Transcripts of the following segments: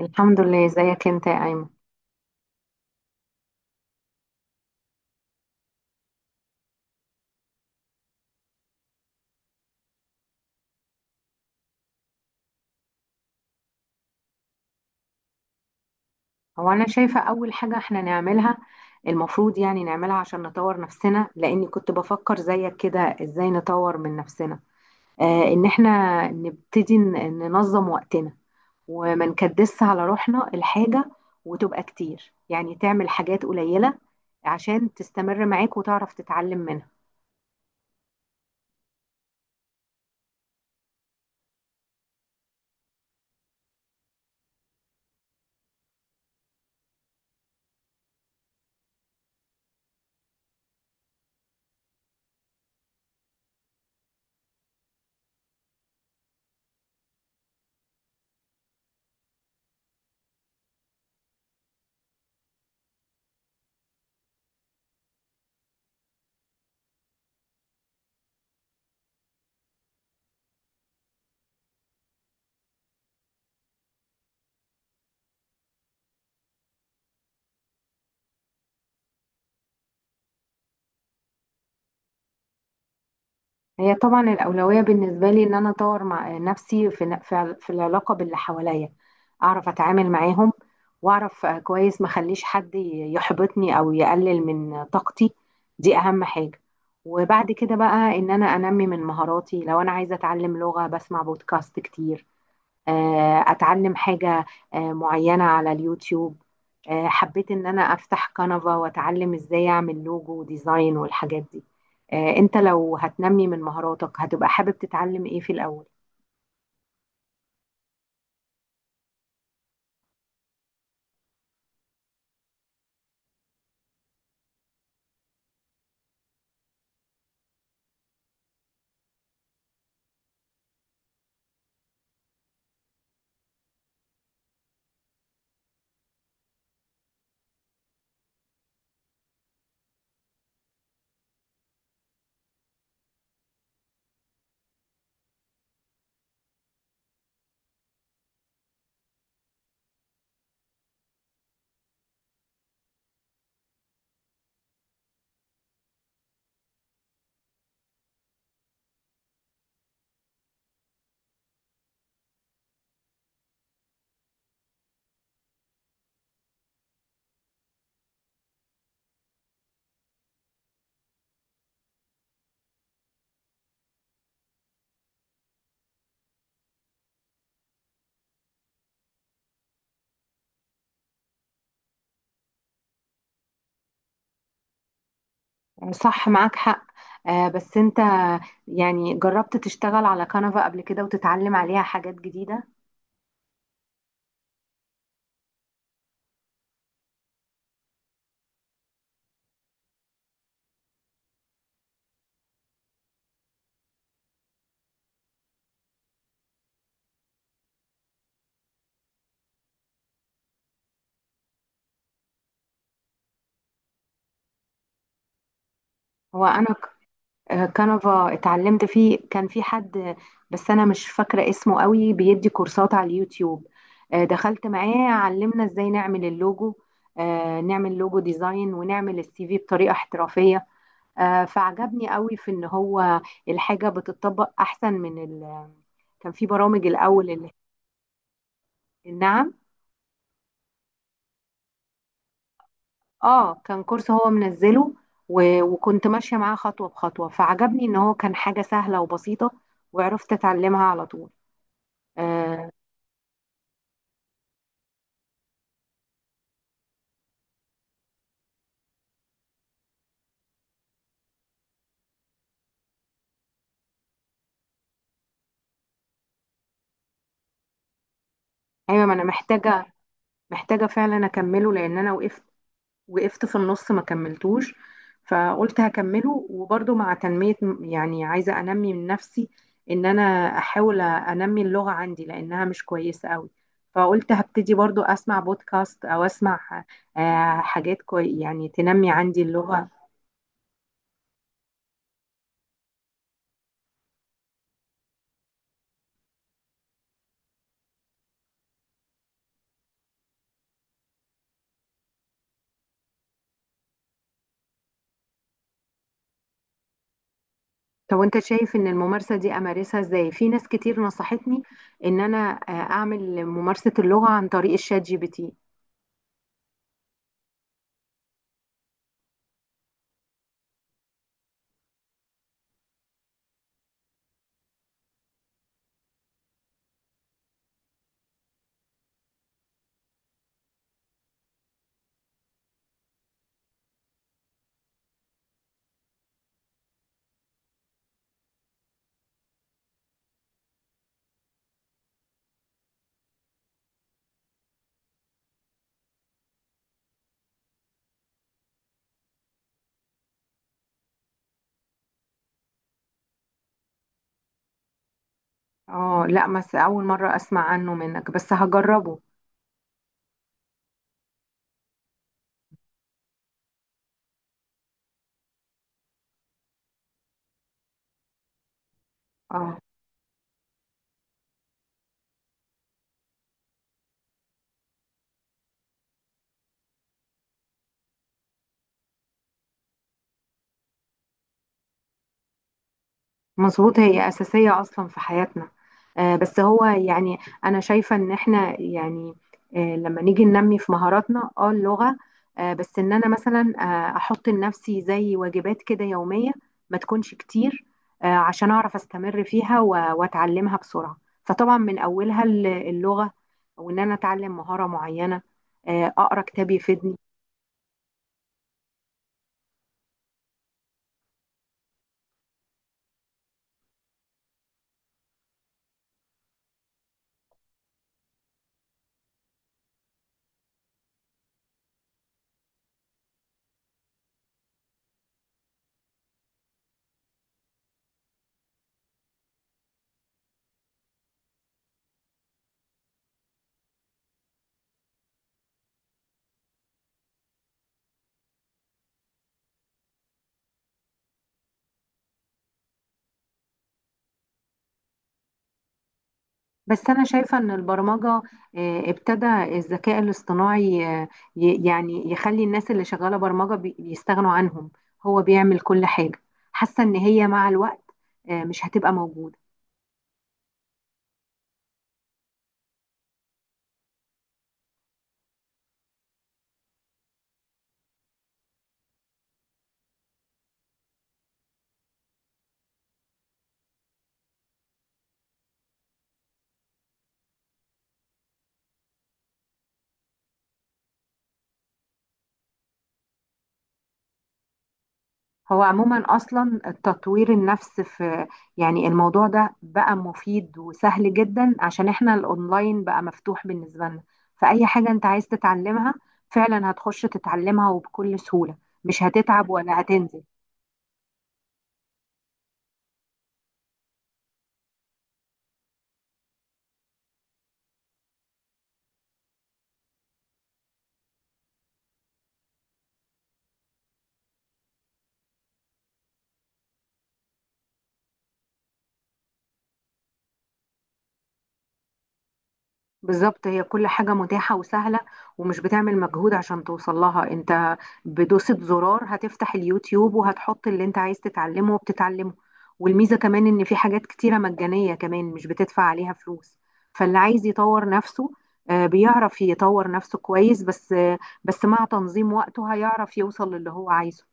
الحمد لله، ازيك انت يا ايمن؟ هو انا شايفه اول حاجه احنا نعملها، المفروض يعني نعملها عشان نطور نفسنا، لاني كنت بفكر زيك كده ازاي نطور من نفسنا. آه، ان احنا نبتدي ننظم وقتنا وما نكدس على روحنا الحاجه، وتبقى كتير يعني تعمل حاجات قليله عشان تستمر معاك وتعرف تتعلم منها. هي طبعا الأولوية بالنسبة لي إن أنا أطور مع نفسي في ن- في في العلاقة باللي حواليا، أعرف أتعامل معاهم وأعرف كويس ما أخليش حد يحبطني أو يقلل من طاقتي. دي أهم حاجة. وبعد كده بقى إن أنا أنمي من مهاراتي، لو أنا عايزة أتعلم لغة بسمع بودكاست كتير، اتعلم حاجة معينة على اليوتيوب. حبيت ان انا افتح قناة واتعلم ازاي اعمل لوجو وديزاين والحاجات دي. انت لو هتنمي من مهاراتك هتبقى حابب تتعلم ايه في الاول؟ صح، معاك حق. بس انت يعني جربت تشتغل على كانفا قبل كده وتتعلم عليها حاجات جديدة؟ هو انا آه، كانفا اتعلمت فيه، كان في حد بس انا مش فاكره اسمه قوي بيدي كورسات على اليوتيوب. دخلت معاه، علمنا ازاي نعمل اللوجو، نعمل لوجو ديزاين ونعمل السي في بطريقه احترافيه. فعجبني قوي في ان هو الحاجه بتطبق احسن من ال... كان في برامج الاول اللي... نعم. اه كان كورس هو منزله، وكنت ماشيه معاه خطوه بخطوه، فعجبني ان هو كان حاجه سهله وبسيطه وعرفت اتعلمها على طول. آه، ايوه، ما انا محتاجه، محتاجه فعلا اكمله لان انا وقفت، وقفت في النص ما كملتوش. فقلت هكمله وبرضه مع تنميه. يعني عايزه انمي من نفسي، ان انا احاول انمي اللغه عندي لانها مش كويسه قوي. فقلت هبتدي برضه اسمع بودكاست او اسمع حاجات كوي يعني تنمي عندي اللغه. طب وانت شايف ان الممارسه دي امارسها ازاي؟ في ناس كتير نصحتني ان انا اعمل ممارسه اللغه عن طريق الشات جي بي تي. اه لا، بس اول مرة اسمع عنه منك، بس هجربه. اه مظبوط، هي اساسية اصلا في حياتنا. آه، بس هو يعني انا شايفة ان احنا يعني، آه، لما نيجي ننمي في مهاراتنا، اه اللغة، آه، بس ان انا مثلا احط لنفسي زي واجبات كده يومية، ما تكونش كتير، آه، عشان اعرف استمر فيها واتعلمها بسرعة. فطبعا من اولها اللغة، وان انا اتعلم مهارة معينة، آه، اقرا كتاب يفيدني. بس أنا شايفة إن البرمجة، ابتدى الذكاء الاصطناعي يعني يخلي الناس اللي شغالة برمجة بيستغنوا عنهم. هو بيعمل كل حاجة، حاسة إن هي مع الوقت مش هتبقى موجودة. هو عموما أصلا التطوير النفس في، يعني الموضوع ده بقى مفيد وسهل جدا عشان إحنا الأونلاين بقى مفتوح بالنسبة لنا. فأي حاجة أنت عايز تتعلمها فعلا هتخش تتعلمها وبكل سهولة، مش هتتعب ولا هتنزل. بالظبط، هي كل حاجة متاحة وسهلة ومش بتعمل مجهود عشان توصل لها انت. بدوسة زرار هتفتح اليوتيوب وهتحط اللي انت عايز تتعلمه وبتتعلمه. والميزة كمان ان في حاجات كتيرة مجانية كمان، مش بتدفع عليها فلوس. فاللي عايز يطور نفسه بيعرف يطور نفسه كويس، بس مع تنظيم وقته هيعرف يوصل للي هو عايزه.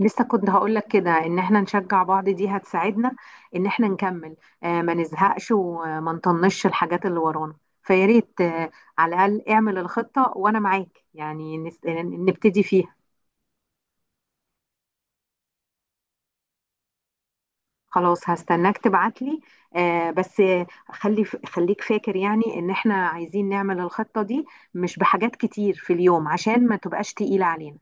لسه كنت هقولك كده ان احنا نشجع بعض، دي هتساعدنا ان احنا نكمل. آه، ما نزهقش وما نطنش الحاجات اللي ورانا. فيا ريت آه، على الاقل اعمل الخطة وانا معاك، يعني نبتدي فيها. خلاص هستناك تبعتلي. آه، بس آه، خلي خليك فاكر يعني ان احنا عايزين نعمل الخطة دي، مش بحاجات كتير في اليوم عشان ما تبقاش تقيلة علينا.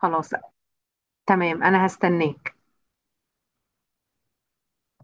خلاص، تمام، انا هستناك.